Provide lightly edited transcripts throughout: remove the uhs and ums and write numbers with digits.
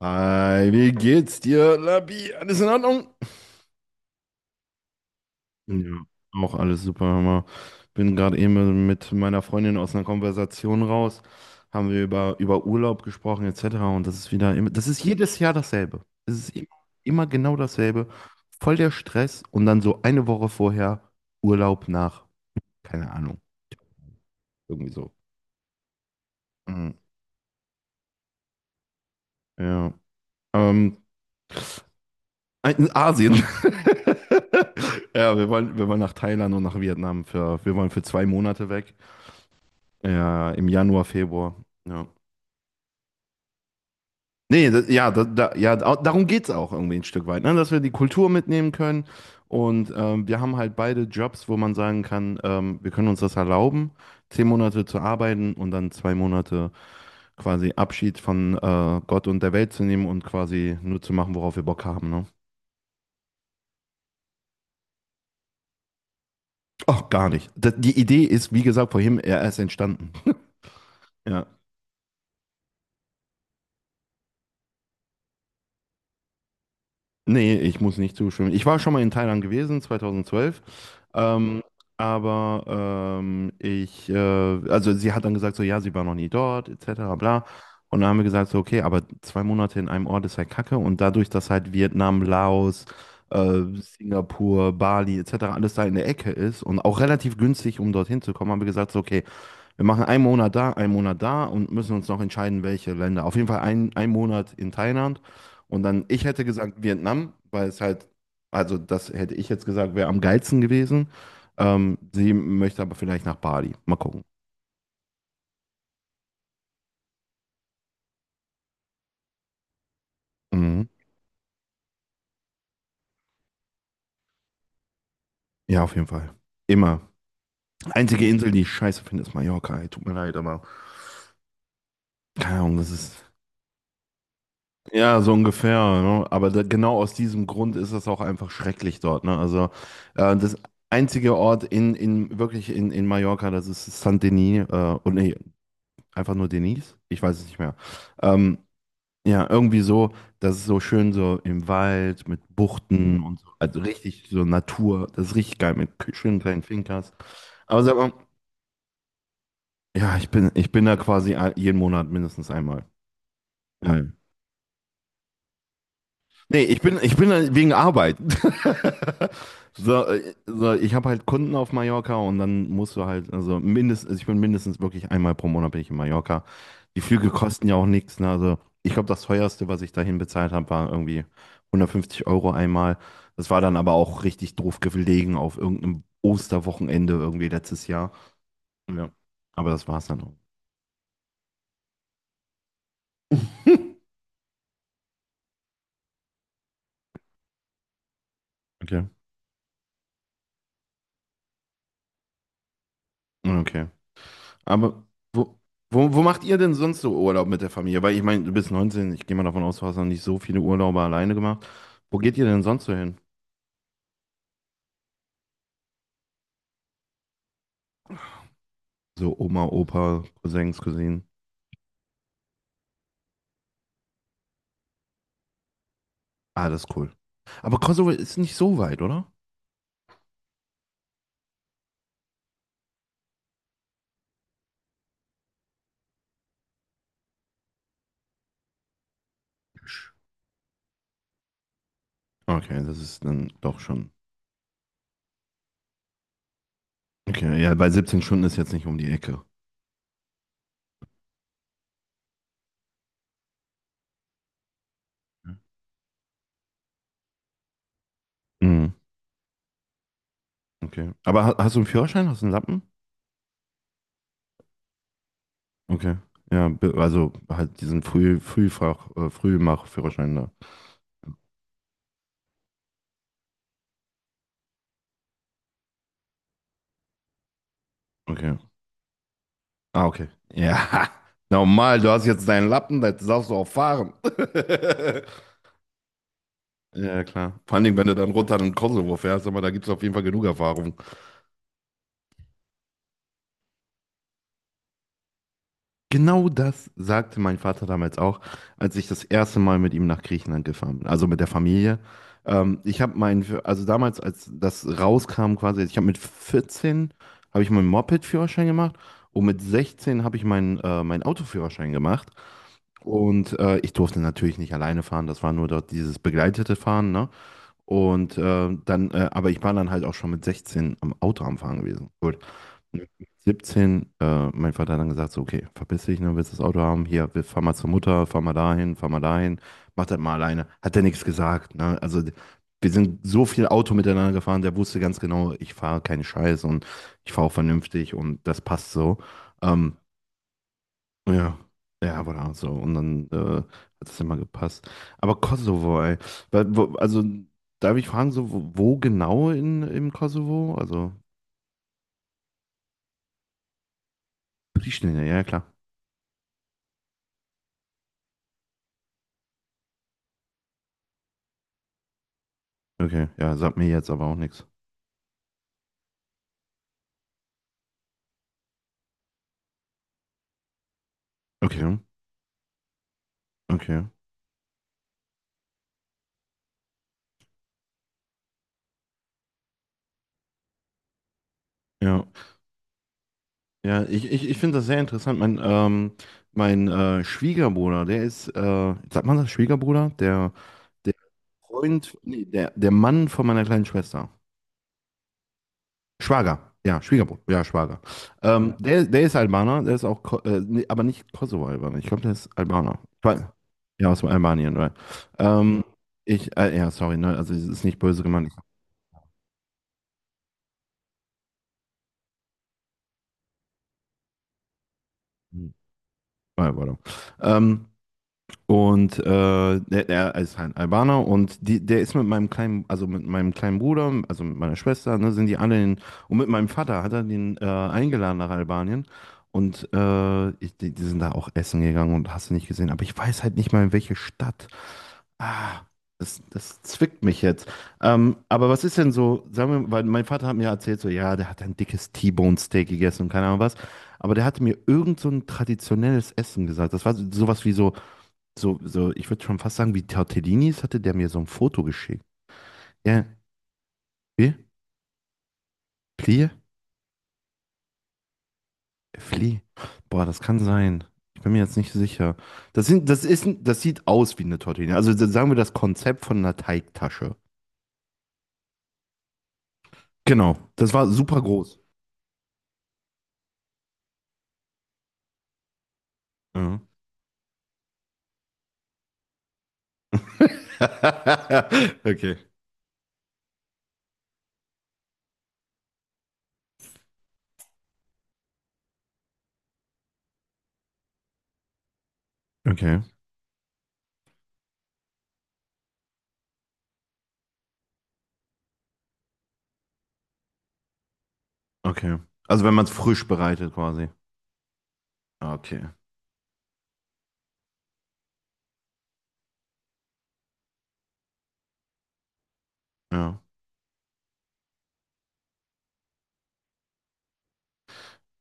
Hi, wie geht's dir, Labi? Alles in Ordnung? Ja, auch alles super. Hör Bin gerade eben mit meiner Freundin aus einer Konversation raus. Haben wir über Urlaub gesprochen, etc. Und das ist wieder immer, das ist jedes Jahr dasselbe. Es ist immer genau dasselbe. Voll der Stress und dann so eine Woche vorher Urlaub nach, keine Ahnung, irgendwie so. Mhm. Ja. Ähm, In Asien. Ja, wir wollen nach Thailand und nach Vietnam wir wollen für 2 Monate weg. Ja, im Januar, Februar. Ja. Nee, das, ja, darum geht es auch irgendwie ein Stück weit, ne? Dass wir die Kultur mitnehmen können. Und wir haben halt beide Jobs, wo man sagen kann, wir können uns das erlauben, 10 Monate zu arbeiten und dann 2 Monate quasi Abschied von Gott und der Welt zu nehmen und quasi nur zu machen, worauf wir Bock haben, ne? Ach, gar nicht. Die Idee ist, wie gesagt, vorhin erst entstanden. Ja, nee, ich muss nicht zustimmen. Ich war schon mal in Thailand gewesen, 2012. Ähm, also sie hat dann gesagt, so, ja, sie war noch nie dort, etc., bla. Und dann haben wir gesagt, so, okay, aber 2 Monate in einem Ort ist halt Kacke. Und dadurch, dass halt Vietnam, Laos, Singapur, Bali, etc., alles da in der Ecke ist und auch relativ günstig, um dorthin zu kommen, haben wir gesagt, so, okay, wir machen einen Monat da und müssen uns noch entscheiden, welche Länder. Auf jeden Fall einen Monat in Thailand. Und dann, ich hätte gesagt Vietnam, also das hätte ich jetzt gesagt, wäre am geilsten gewesen. Sie möchte aber vielleicht nach Bali. Mal gucken. Mhm. Ja, auf jeden Fall. Immer. Einzige Insel, die ich scheiße finde, ist Mallorca. Ey, tut mir leid, aber keine Ahnung, das ist. Ja, so ungefähr, ne? Aber da, genau aus diesem Grund ist es auch einfach schrecklich dort, ne? Also das einzige Ort in Mallorca, das ist San Denis, und nee, einfach nur Denis, ich weiß es nicht mehr. Ähm, ja, irgendwie so, das ist so schön so im Wald mit Buchten und so, also richtig so Natur, das ist richtig geil mit schönen kleinen Fincas. Aber sag mal, ja, ich bin da quasi jeden Monat mindestens einmal. Nee, ich bin halt wegen Arbeit. So, ich habe halt Kunden auf Mallorca und dann musst du halt, also mindestens, also ich bin mindestens wirklich einmal pro Monat bin ich in Mallorca. Die Flüge kosten ja auch nichts, ne? Also ich glaube, das teuerste, was ich dahin bezahlt habe, war irgendwie 150 € einmal. Das war dann aber auch richtig doof gelegen auf irgendeinem Osterwochenende irgendwie letztes Jahr. Ja. Aber das war's dann auch. Okay. Okay. Aber wo, wo macht ihr denn sonst so Urlaub mit der Familie? Weil ich meine, du bist 19. Ich gehe mal davon aus, du hast noch nicht so viele Urlaube alleine gemacht. Wo geht ihr denn sonst so hin? So Oma, Opa, Cousins, Cousinen. Ah, das ist cool. Aber Kosovo ist nicht so weit, oder? Okay, das ist dann doch schon. Okay, ja, bei 17 Stunden ist jetzt nicht um die Ecke. Mhm, okay. Aber hast du einen Führerschein? Hast du einen Lappen? Okay. Ja, also halt diesen Frühfach, Frühmach-Führerschein da. Okay. Ah, okay. Ja, normal, du hast jetzt deinen Lappen, da darfst du auch fahren. Ja, klar. Vor allen Dingen, wenn du dann runter in den Kosovo fährst, aber da gibt es auf jeden Fall genug Erfahrung. Genau das sagte mein Vater damals auch, als ich das erste Mal mit ihm nach Griechenland gefahren bin, also mit der Familie. Ich habe meinen, also damals, als das rauskam quasi, ich habe mit 14, habe ich meinen Moped-Führerschein gemacht und mit 16 habe ich meinen Autoführerschein gemacht. Und ich durfte natürlich nicht alleine fahren, das war nur dort dieses begleitete Fahren, ne? Und aber ich war dann halt auch schon mit 16 am Auto am Fahren gewesen mit 17. Mein Vater hat dann gesagt, so, okay, verpiss dich, ne, willst das Auto haben? Hier, wir fahren mal zur Mutter, fahren mal dahin, mach das mal alleine. Hat er nichts gesagt, ne? Also wir sind so viel Auto miteinander gefahren, der wusste ganz genau, ich fahre keinen Scheiß und ich fahre auch vernünftig und das passt so. Ähm, ja, ja, aber da so. Und dann hat es immer gepasst. Aber Kosovo, ey. Also, darf ich fragen, so, wo genau im Kosovo? Also, Pristina, ja, klar. Okay, ja, sagt mir jetzt aber auch nichts. Okay, okay. Ja, ja, ich finde das sehr interessant. Mein Schwiegerbruder, sagt man das, Schwiegerbruder? Der, der Freund, nee, der, der Mann von meiner kleinen Schwester. Schwager, ja, Schwiegerbruder, ja, Schwager. Ja. Der ist Albaner, der ist auch, aber nicht Kosovo-Albaner, ich glaube, der ist Albaner. Ja, aus Albanien, right. Ähm, ja, sorry, ne, also es ist nicht böse gemeint. Hm, warte. Ähm, Und äh, Der ist halt Albaner und der ist mit meinem kleinen Bruder, also mit meiner Schwester, ne, sind die alle in, und mit meinem Vater hat er den eingeladen nach Albanien. Und die sind da auch essen gegangen und hast du nicht gesehen. Aber ich weiß halt nicht mal, in welche Stadt. Ah, das zwickt mich jetzt. Aber was ist denn so, sagen wir, weil mein Vater hat mir erzählt, so, ja, der hat ein dickes T-Bone-Steak gegessen und keine Ahnung was. Aber der hatte mir irgend so ein traditionelles Essen gesagt. Das war sowas wie ich würde schon fast sagen, wie Tortellinis hatte der mir so ein Foto geschickt. Ja, wie? Plie? Flie? Boah, das kann sein. Ich bin mir jetzt nicht sicher. Das sind, das ist, das sieht aus wie eine Tortellini. Also sagen wir das Konzept von einer Teigtasche. Genau, das war super groß. Ja. Okay. Okay, okay. Also wenn man es frisch bereitet quasi. Ah, okay. Ja.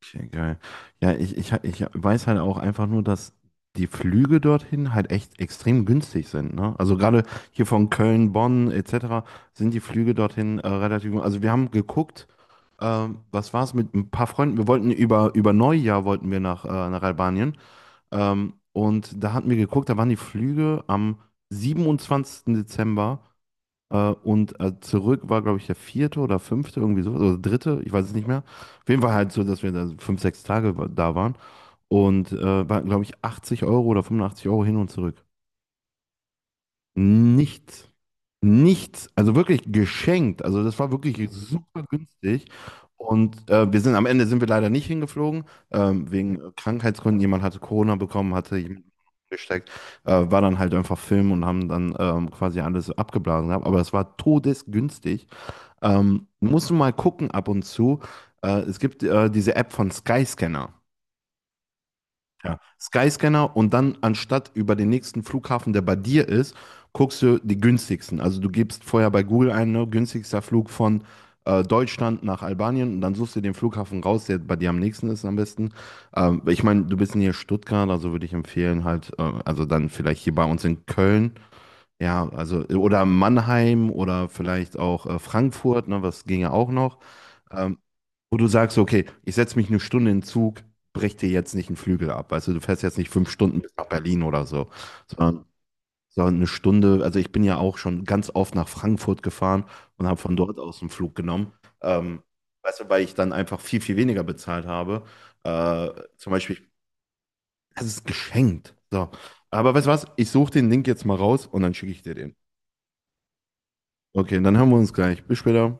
Okay, geil. Ja, ich weiß halt auch einfach nur, dass die Flüge dorthin halt echt extrem günstig sind, ne? Also gerade hier von Köln, Bonn etc. sind die Flüge dorthin relativ günstig. Also wir haben geguckt, was war es mit ein paar Freunden, wir wollten über Neujahr wollten wir nach, nach Albanien, und da hatten wir geguckt, da waren die Flüge am 27. Dezember, äh, zurück war, glaube ich, der vierte oder fünfte, irgendwie so, oder dritte, ich weiß es nicht mehr. Auf jeden Fall halt so, dass wir da 5, 6 Tage da waren. Und waren, glaube ich, 80 € oder 85 € hin und zurück. Nichts. Nichts. Also wirklich geschenkt. Also das war wirklich super günstig. Und wir sind am Ende sind wir leider nicht hingeflogen, wegen Krankheitsgründen. Jemand hatte Corona bekommen, hatte jemand gesteckt, war dann halt einfach Film und haben dann quasi alles abgeblasen gehabt. Aber es war todesgünstig. Musst du mal gucken ab und zu. Es gibt diese App von Skyscanner. Ja. Skyscanner, und dann anstatt über den nächsten Flughafen, der bei dir ist, guckst du die günstigsten. Also du gibst vorher bei Google ein, ne, günstigster Flug von Deutschland nach Albanien, und dann suchst du den Flughafen raus, der bei dir am nächsten ist am besten. Ich meine, du bist hier in Stuttgart, also würde ich empfehlen halt, also dann vielleicht hier bei uns in Köln, ja, also oder Mannheim oder vielleicht auch Frankfurt, ne, was ginge auch noch, ähm, wo du sagst, okay, ich setze mich eine Stunde in den Zug, brech dir jetzt nicht einen Flügel ab. Also du fährst jetzt nicht 5 Stunden bis nach Berlin oder so, sondern, sondern eine Stunde. Also ich bin ja auch schon ganz oft nach Frankfurt gefahren und habe von dort aus einen Flug genommen. Ähm, Weißt du, weil ich dann einfach viel, viel weniger bezahlt habe. Äh, Zum Beispiel, das ist geschenkt. So. Aber weißt du was? Ich suche den Link jetzt mal raus und dann schicke ich dir den. Okay, dann hören wir uns gleich. Bis später.